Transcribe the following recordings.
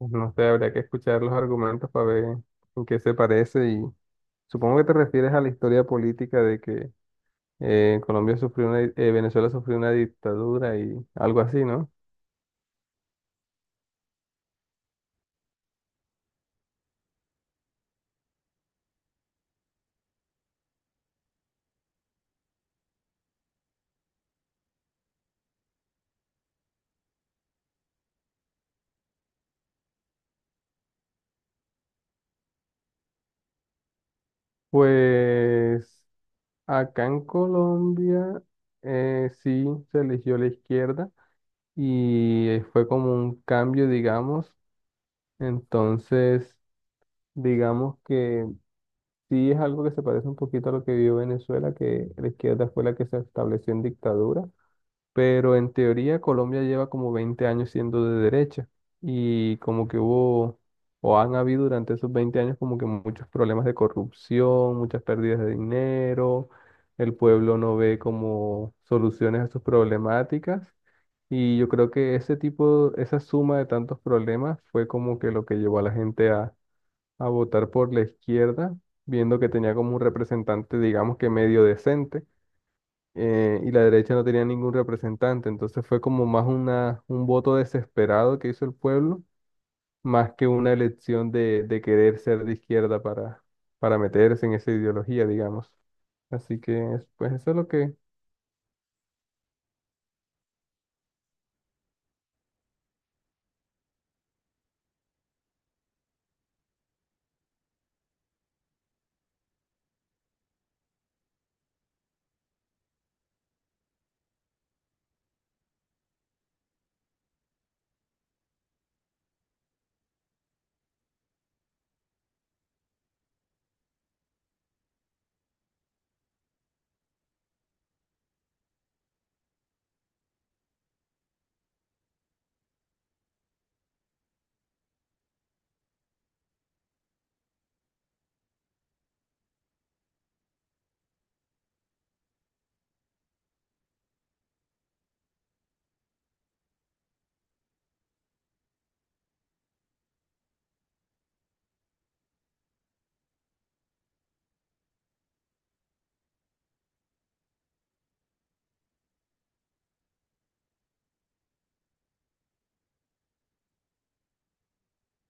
No sé, habría que escuchar los argumentos para ver en qué se parece, y supongo que te refieres a la historia política de que Colombia sufrió Venezuela sufrió una dictadura, y algo así, ¿no? Pues acá en Colombia, sí se eligió la izquierda, y fue como un cambio, digamos. Entonces, digamos que sí es algo que se parece un poquito a lo que vivió Venezuela, que la izquierda fue la que se estableció en dictadura, pero en teoría Colombia lleva como 20 años siendo de derecha, y como que hubo o han habido durante esos 20 años como que muchos problemas de corrupción, muchas pérdidas de dinero, el pueblo no ve como soluciones a sus problemáticas, y yo creo que ese tipo, esa suma de tantos problemas fue como que lo que llevó a la gente a votar por la izquierda, viendo que tenía como un representante, digamos que medio decente, y la derecha no tenía ningún representante. Entonces fue como más un voto desesperado que hizo el pueblo, más que una elección de querer ser de izquierda para meterse en esa ideología, digamos. Así que pues eso es lo que...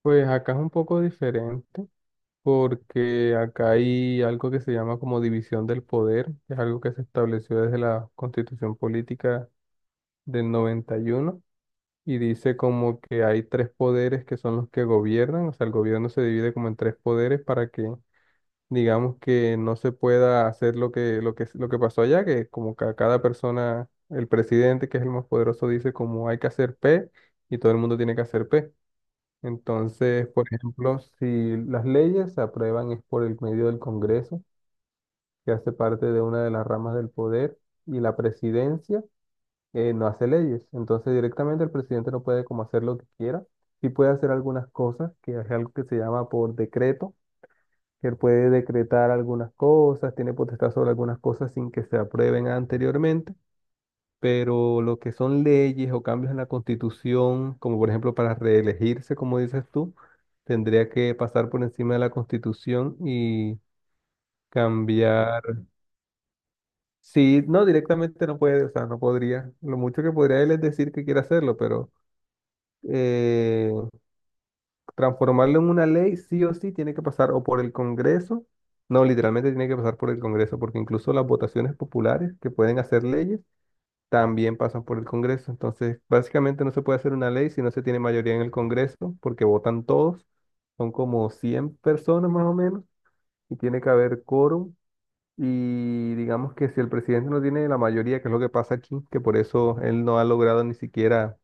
Pues acá es un poco diferente, porque acá hay algo que se llama como división del poder, que es algo que se estableció desde la Constitución Política del 91, y dice como que hay tres poderes que son los que gobiernan, o sea, el gobierno se divide como en tres poderes para que digamos que no se pueda hacer lo que pasó allá, que como que a cada persona, el presidente, que es el más poderoso, dice como hay que hacer P, y todo el mundo tiene que hacer P. Entonces, por ejemplo, si las leyes se aprueban es por el medio del Congreso, que hace parte de una de las ramas del poder, y la presidencia no hace leyes. Entonces directamente el presidente no puede como hacer lo que quiera. Sí puede hacer algunas cosas, que es algo que se llama por decreto, que él puede decretar algunas cosas, tiene potestad sobre algunas cosas sin que se aprueben anteriormente, pero lo que son leyes o cambios en la constitución, como por ejemplo para reelegirse, como dices tú, tendría que pasar por encima de la constitución y cambiar. Sí, no, directamente no puede, o sea, no podría. Lo mucho que podría él es decir que quiere hacerlo, pero eh, transformarlo en una ley, sí o sí, tiene que pasar o por el Congreso. No, literalmente tiene que pasar por el Congreso, porque incluso las votaciones populares que pueden hacer leyes también pasan por el Congreso. Entonces, básicamente no se puede hacer una ley si no se tiene mayoría en el Congreso, porque votan todos, son como 100 personas más o menos, y tiene que haber quórum. Y digamos que si el presidente no tiene la mayoría, que es lo que pasa aquí, que por eso él no ha logrado ni siquiera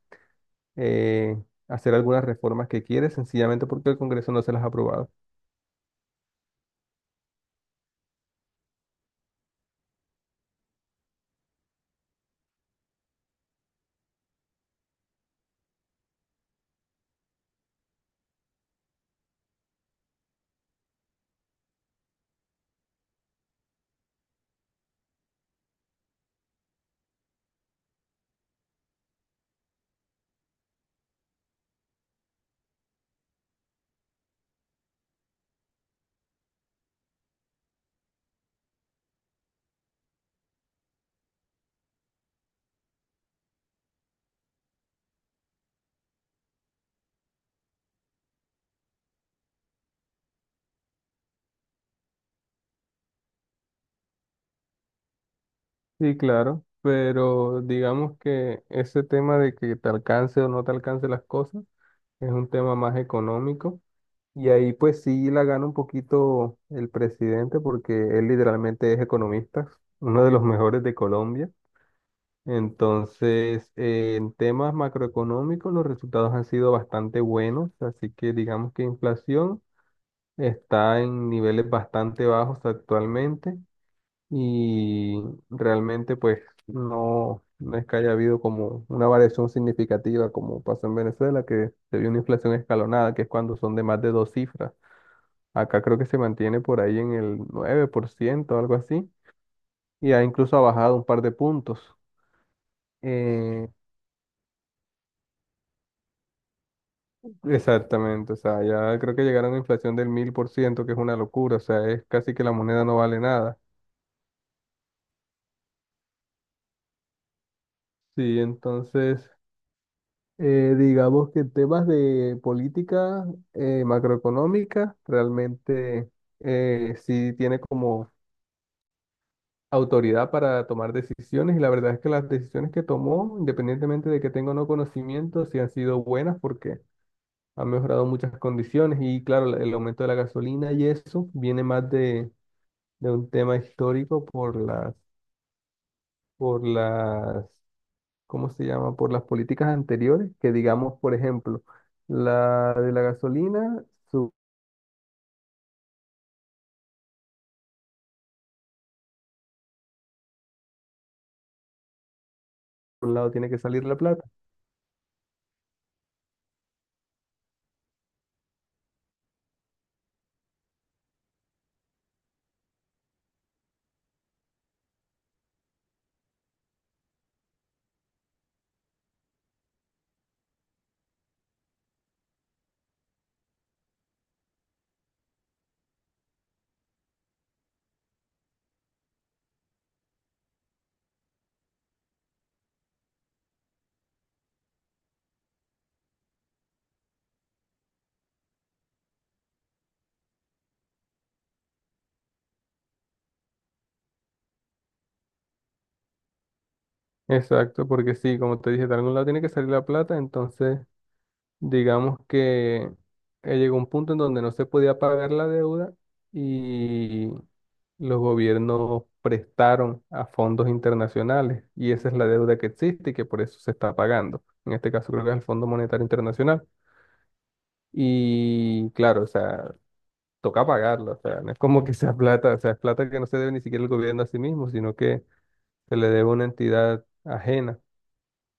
eh, hacer algunas reformas que quiere, sencillamente porque el Congreso no se las ha aprobado. Sí, claro, pero digamos que ese tema de que te alcance o no te alcance las cosas es un tema más económico, y ahí pues sí la gana un poquito el presidente, porque él literalmente es economista, uno de los mejores de Colombia. Entonces, en temas macroeconómicos los resultados han sido bastante buenos, así que digamos que inflación está en niveles bastante bajos actualmente, y realmente pues no, no es que haya habido como una variación significativa como pasó en Venezuela, que se vio una inflación escalonada, que es cuando son de más de dos cifras. Acá creo que se mantiene por ahí en el 9% o algo así, y ha incluso ha bajado un par de puntos. Eh, Exactamente, o sea, ya creo que llegaron a una inflación del 1000%, que es una locura, o sea, es casi que la moneda no vale nada. Sí, entonces digamos que en temas de política macroeconómica, realmente sí tiene como autoridad para tomar decisiones, y la verdad es que las decisiones que tomó, independientemente de que tenga o no conocimiento, sí han sido buenas, porque han mejorado muchas condiciones. Y claro, el aumento de la gasolina y eso viene más de un tema histórico por las, por las ¿cómo se llama? Por las políticas anteriores, que digamos, por ejemplo, la de la gasolina, su- por un lado tiene que salir la plata. Exacto, porque sí, como te dije, de algún lado tiene que salir la plata. Entonces digamos que llegó un punto en donde no se podía pagar la deuda, y los gobiernos prestaron a fondos internacionales, y esa es la deuda que existe y que por eso se está pagando. En este caso creo que es el Fondo Monetario Internacional. Y claro, o sea, toca pagarlo. O sea, no es como que sea plata, o sea, es plata que no se debe ni siquiera el gobierno a sí mismo, sino que se le debe a una entidad ajena,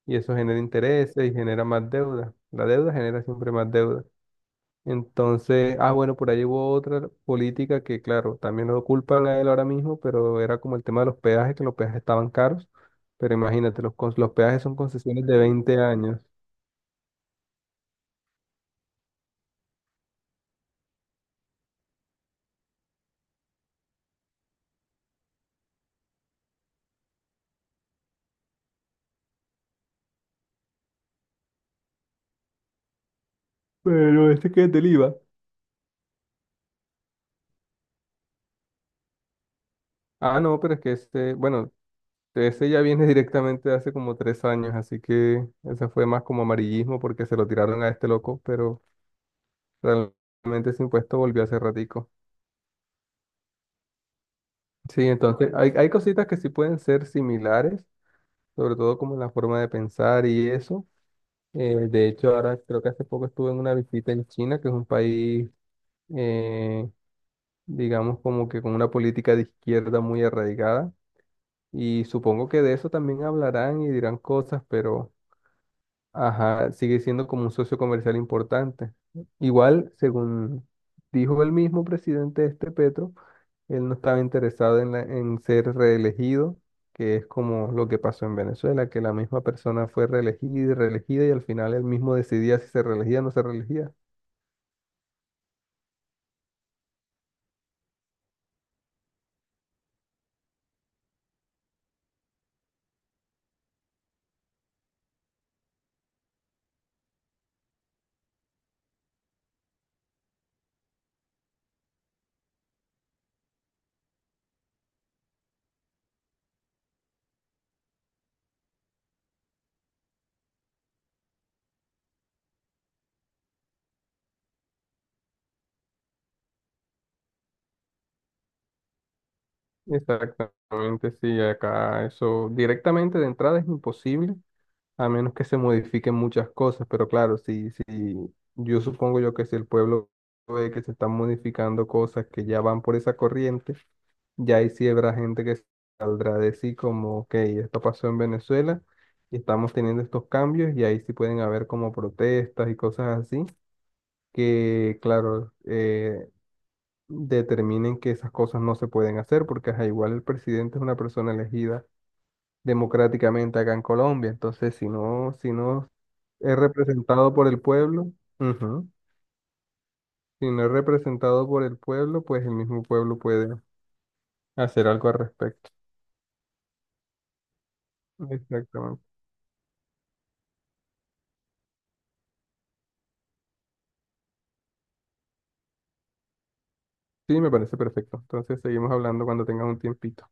y eso genera intereses y genera más deuda. La deuda genera siempre más deuda. Entonces, ah, bueno, por ahí hubo otra política que, claro, también lo culpan a él ahora mismo, pero era como el tema de los peajes, que los peajes estaban caros, pero imagínate, los peajes son concesiones de 20 años. Pero este que es del IVA. Ah, no, pero es que este, bueno, ese ya viene directamente de hace como 3 años, así que ese fue más como amarillismo porque se lo tiraron a este loco, pero realmente ese impuesto volvió hace ratico. Sí, entonces hay cositas que sí pueden ser similares, sobre todo como en la forma de pensar y eso. De hecho, ahora creo que hace poco estuve en una visita en China, que es un país, eh, digamos, como que con una política de izquierda muy arraigada. Y supongo que de eso también hablarán y dirán cosas, pero... Ajá, sigue siendo como un socio comercial importante. Igual, según dijo el mismo presidente este Petro, él no estaba interesado en ser reelegido, que es como lo que pasó en Venezuela, que la misma persona fue reelegida y reelegida, y al final él mismo decidía si se reelegía o no se reelegía. Exactamente, sí, acá eso directamente de entrada es imposible. A menos que se modifiquen muchas cosas, pero claro, si yo supongo yo que si el pueblo ve que se están modificando cosas que ya van por esa corriente, ya ahí sí habrá gente que saldrá de sí como, ok, esto pasó en Venezuela y estamos teniendo estos cambios, y ahí sí pueden haber como protestas y cosas así, que claro, determinen que esas cosas no se pueden hacer, porque ajá, igual el presidente es una persona elegida democráticamente acá en Colombia, entonces si no es representado por el pueblo. Ujú. Si no es representado por el pueblo, pues el mismo pueblo puede hacer algo al respecto. Exactamente. Sí, me parece perfecto. Entonces seguimos hablando cuando tengas un tiempito.